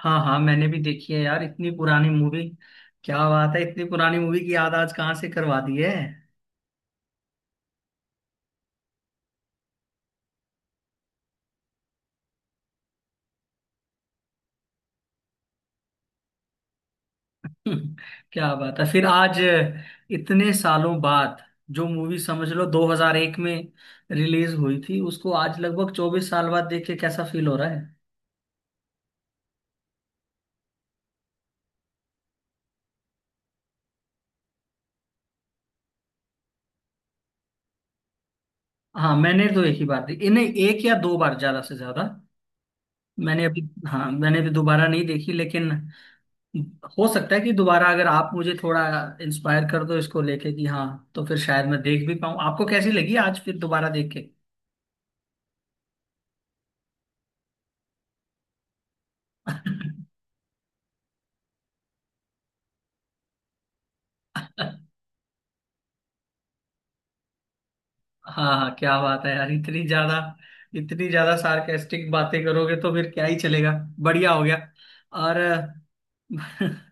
हाँ हाँ, मैंने भी देखी है यार इतनी पुरानी मूवी। क्या बात है, इतनी पुरानी मूवी की याद आज कहाँ से करवा दी है? क्या बात है फिर आज, इतने सालों बाद। जो मूवी समझ लो 2001 में रिलीज हुई थी, उसको आज लगभग 24 साल बाद देख के कैसा फील हो रहा है? हाँ, मैंने तो एक ही बार देखी नहीं, एक या दो बार ज्यादा से ज्यादा। मैंने अभी हाँ, मैंने भी दोबारा नहीं देखी, लेकिन हो सकता है कि दोबारा अगर आप मुझे थोड़ा इंस्पायर कर दो इसको लेके कि हाँ, तो फिर शायद मैं देख भी पाऊँ। आपको कैसी लगी आज फिर दोबारा देख के? हाँ हाँ, क्या बात है यार। इतनी ज्यादा सार्केस्टिक बातें करोगे तो फिर क्या ही चलेगा। बढ़िया हो गया। और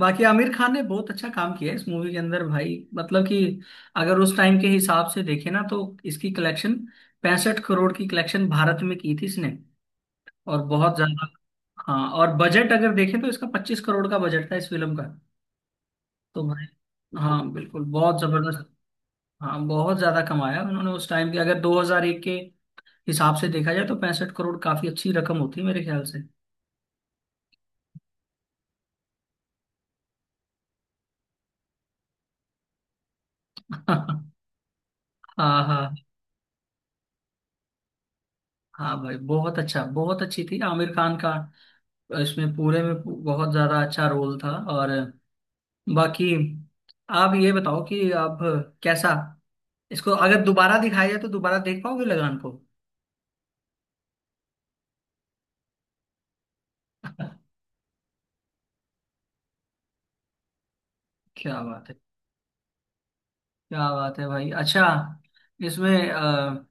बाकी आमिर खान ने बहुत अच्छा काम किया है इस मूवी के अंदर भाई। मतलब कि अगर उस टाइम के हिसाब से देखे ना, तो इसकी कलेक्शन, 65 करोड़ की कलेक्शन भारत में की थी इसने। और बहुत ज्यादा। हाँ, और बजट अगर देखें तो इसका 25 करोड़ का बजट था इस फिल्म का। तो भाई, हाँ बिल्कुल, बहुत जबरदस्त। हाँ, बहुत ज्यादा कमाया उन्होंने। उस टाइम के अगर 2001 के हिसाब से देखा जाए तो 65 करोड़ काफी अच्छी रकम होती है मेरे ख्याल से। हाँ हाँ। हाँ भाई बहुत अच्छा, बहुत अच्छी थी। आमिर खान का इसमें पूरे में बहुत ज्यादा अच्छा रोल था। और बाकी, आप ये बताओ कि आप कैसा, इसको अगर दोबारा दिखाया जाए तो दोबारा देख पाओगे लगान को? क्या बात है। क्या बात है भाई। अच्छा, इसमें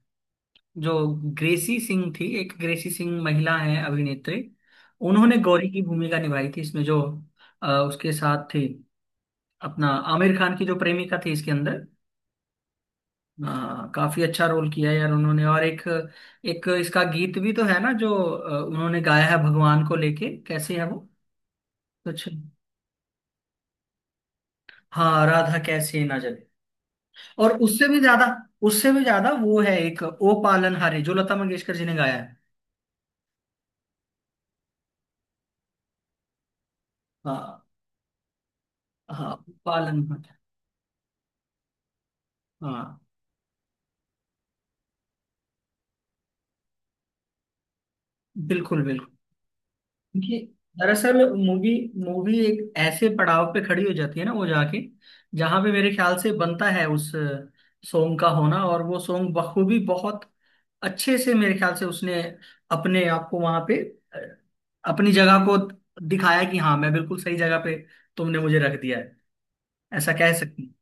जो ग्रेसी सिंह थी, एक ग्रेसी सिंह महिला है अभिनेत्री, उन्होंने गौरी की भूमिका निभाई थी इसमें। जो उसके साथ थी अपना, आमिर खान की जो प्रेमिका थी इसके अंदर, काफी अच्छा रोल किया है यार उन्होंने। और एक, एक इसका गीत भी तो है ना, जो उन्होंने गाया है भगवान को लेके, कैसे है वो कुछ। हाँ, राधा कैसे ना जले। और उससे भी ज्यादा, वो है एक ओ पालन हारे, जो लता मंगेशकर जी ने गाया है। हाँ। हाँ, पालन मत। हाँ, बिल्कुल बिल्कुल। क्योंकि दरअसल मूवी मूवी एक ऐसे पड़ाव पे खड़ी हो जाती है ना, वो जाके, जहाँ पे मेरे ख्याल से बनता है उस सॉन्ग का होना। और वो सॉन्ग बखूबी, बहुत अच्छे से, मेरे ख्याल से उसने अपने आप को वहां पे, अ, अपनी जगह को दिखाया, कि हाँ मैं बिल्कुल सही जगह पे, तुमने मुझे रख दिया है, ऐसा कह सकती हूँ।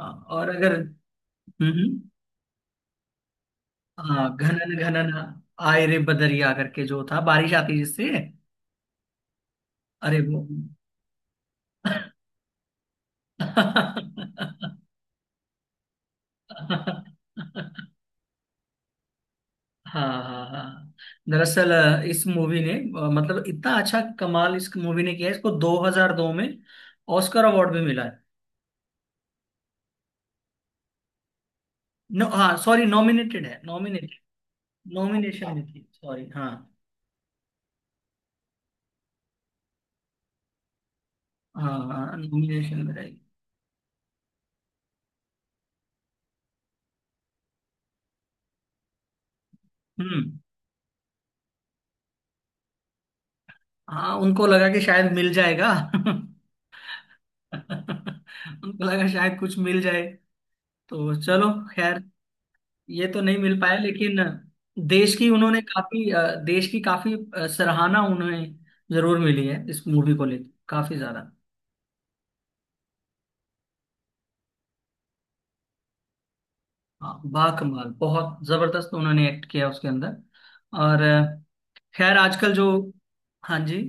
हाँ, और अगर, हम्म हम्म, हाँ घनन घनन आए रे बदरिया करके जो था, बारिश आती जिससे। अरे वो हाँ हाँ हाँ। दरअसल इस मूवी ने, मतलब इतना अच्छा कमाल इस मूवी ने किया है, इसको 2002 में ऑस्कर अवार्ड भी मिला है। नो, हाँ सॉरी, नॉमिनेटेड है, नॉमिनेटेड। नॉमिनेशन में थी, सॉरी हाँ। हाँ हाँ, नॉमिनेशन में रही। हम्म। हाँ, उनको लगा कि शायद मिल जाएगा। उनको लगा शायद कुछ मिल जाए। तो चलो खैर, ये तो नहीं मिल पाया, लेकिन देश की उन्होंने काफी देश की काफी सराहना उन्हें जरूर मिली है इस मूवी को लेकर, काफी ज्यादा। हाँ, बाकमाल, बहुत जबरदस्त उन्होंने एक्ट किया उसके अंदर। और खैर, आजकल जो। हाँ जी।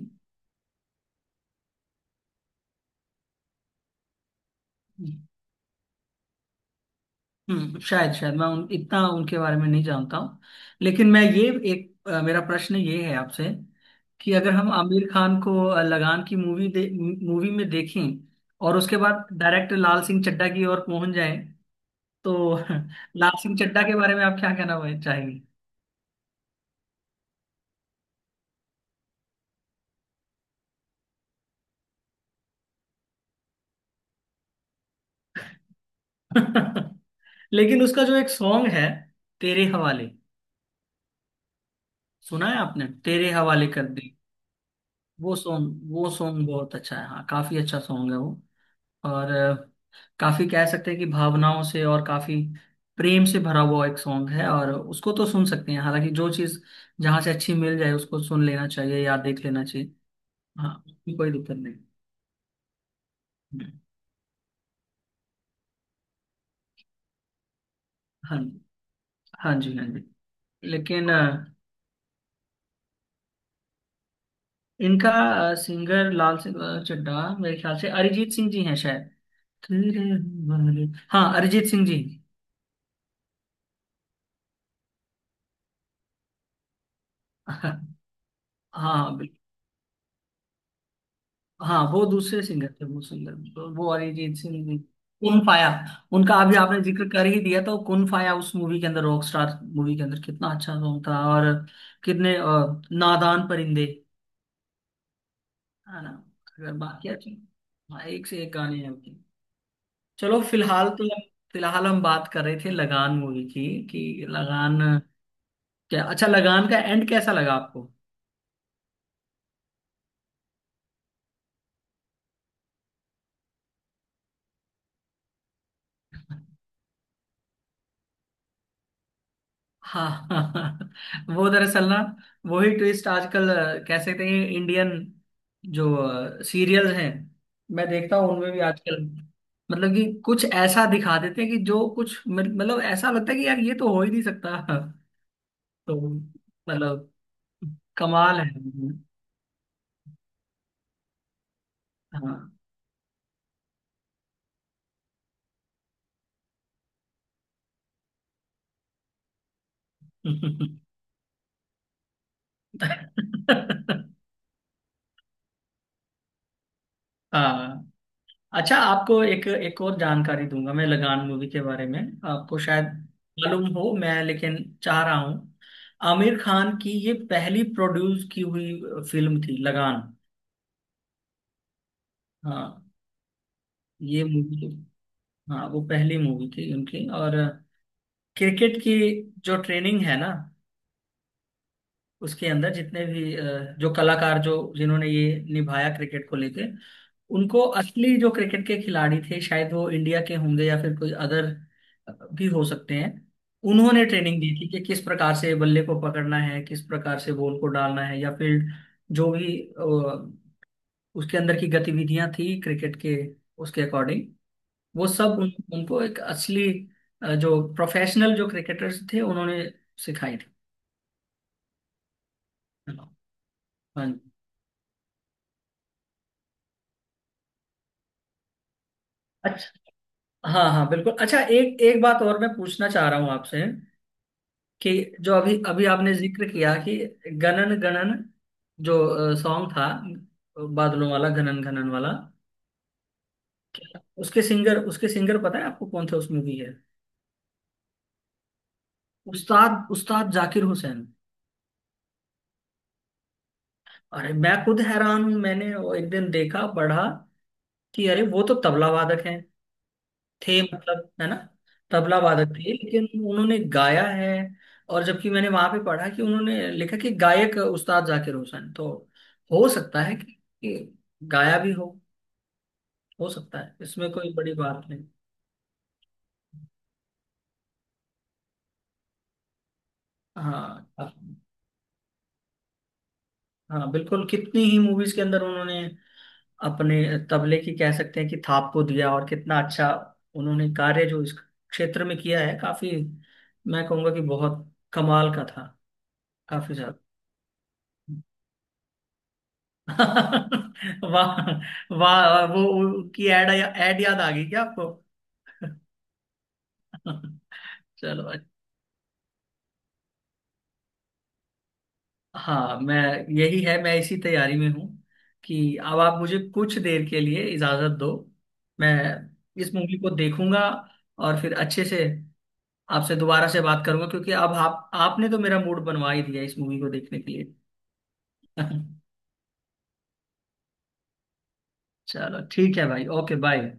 शायद शायद इतना उनके बारे में नहीं जानता हूँ। लेकिन मैं ये एक, मेरा प्रश्न ये है आपसे, कि अगर हम आमिर खान को लगान की मूवी दे, मूवी में देखें, और उसके बाद डायरेक्ट लाल सिंह चड्ढा की ओर पहुंच जाए, तो लाल सिंह चड्ढा के बारे में आप क्या कहना चाहेंगे? लेकिन उसका जो एक सॉन्ग है, तेरे हवाले, सुना है आपने, तेरे हवाले कर दी। वो सॉन्ग बहुत अच्छा है। हाँ, काफी अच्छा सॉन्ग है वो। और काफी कह सकते हैं कि भावनाओं से और काफी प्रेम से भरा हुआ एक सॉन्ग है। और उसको तो सुन सकते हैं, हालांकि जो चीज जहां से अच्छी मिल जाए, उसको सुन लेना चाहिए या देख लेना चाहिए। हाँ, उसमें कोई दिक्कत नहीं। हम्म, हाँ जी, हाँ जी हाँ जी। लेकिन इनका सिंगर, लाल सिंह चड्ढा, मेरे ख्याल से अरिजीत सिंह जी हैं शायद। हाँ, अरिजीत सिंह जी। हाँ हाँ, वो दूसरे सिंगर थे। वो सिंगर, वो अरिजीत सिंह नहीं। कुन फाया, उनका अभी आपने जिक्र कर ही दिया, तो कुन फाया उस मूवी के अंदर, रॉक स्टार मूवी के अंदर, कितना अच्छा सॉन्ग था। और कितने नादान परिंदे, है ना, अगर बाकी अच्छे। हाँ, एक से एक गाने हैं उनके। चलो फिलहाल तो, फिलहाल हम बात कर रहे थे लगान मूवी की। कि लगान, क्या अच्छा, लगान का एंड कैसा लगा आपको? हाँ हाँ हाँ, वो दरअसल ना, वही ट्विस्ट आजकल कह सकते हैं इंडियन जो सीरियल्स हैं, मैं देखता हूँ, उनमें भी आजकल मतलब कि कुछ ऐसा दिखा देते हैं कि जो कुछ मतलब ऐसा लगता है कि यार ये तो हो ही नहीं सकता। तो मतलब कमाल है। हाँ। हाँ। अच्छा, आपको एक, एक और जानकारी दूंगा मैं लगान मूवी के बारे में। आपको शायद मालूम हो मैं, लेकिन चाह रहा हूँ, आमिर खान की ये पहली प्रोड्यूस की हुई फिल्म थी लगान। हाँ, ये मूवी, हाँ वो पहली मूवी थी उनकी। और क्रिकेट की जो ट्रेनिंग है ना, उसके अंदर जितने भी जो कलाकार, जो जिन्होंने ये निभाया क्रिकेट को लेके, उनको असली जो क्रिकेट के खिलाड़ी थे, शायद वो इंडिया के होंगे या फिर कोई अदर भी हो सकते हैं, उन्होंने ट्रेनिंग दी थी कि किस प्रकार से बल्ले को पकड़ना है, किस प्रकार से बॉल को डालना है, या फील्ड, जो भी उसके अंदर की गतिविधियां थी क्रिकेट के, उसके अकॉर्डिंग वो सब उनको एक असली जो प्रोफेशनल, जो क्रिकेटर्स थे, उन्होंने सिखाई थी। हाँ जी। हाँ हाँ बिल्कुल। अच्छा, एक, एक बात और मैं पूछना चाह रहा हूँ आपसे, कि जो अभी अभी आपने जिक्र किया, कि गणन गणन जो सॉन्ग था, बादलों वाला गणन गणन वाला, क्या उसके सिंगर, उसके सिंगर पता है आपको कौन थे उस मूवी के? उस्ताद, उस्ताद जाकिर हुसैन। अरे मैं खुद हैरान हूँ, मैंने वो एक दिन देखा पढ़ा कि अरे वो तो तबला वादक है, थे मतलब, है ना? तबला वादक थे, लेकिन उन्होंने गाया है। और जबकि मैंने वहां पे पढ़ा कि उन्होंने लिखा कि गायक उस्ताद जाकिर हुसैन, तो हो सकता है कि गाया भी हो। हो सकता है, इसमें कोई बड़ी बात नहीं। हाँ हाँ, बिल्कुल, कितनी ही मूवीज के अंदर उन्होंने अपने तबले की, कह सकते हैं कि थाप को दिया। और कितना अच्छा उन्होंने कार्य जो इस क्षेत्र में किया है, काफी, मैं कहूँगा कि बहुत कमाल का था, काफी ज्यादा। वाह। वाह, वो उनकी एड, याद आ गई क्या आपको? चलो अच्छा। हाँ मैं, यही है, मैं इसी तैयारी में हूँ कि अब आप मुझे कुछ देर के लिए इजाजत दो, मैं इस मूवी को देखूंगा। और फिर अच्छे से आपसे दोबारा से बात करूंगा, क्योंकि अब आप, आपने तो मेरा मूड बनवा ही दिया इस मूवी को देखने के लिए। चलो ठीक है भाई, ओके बाय।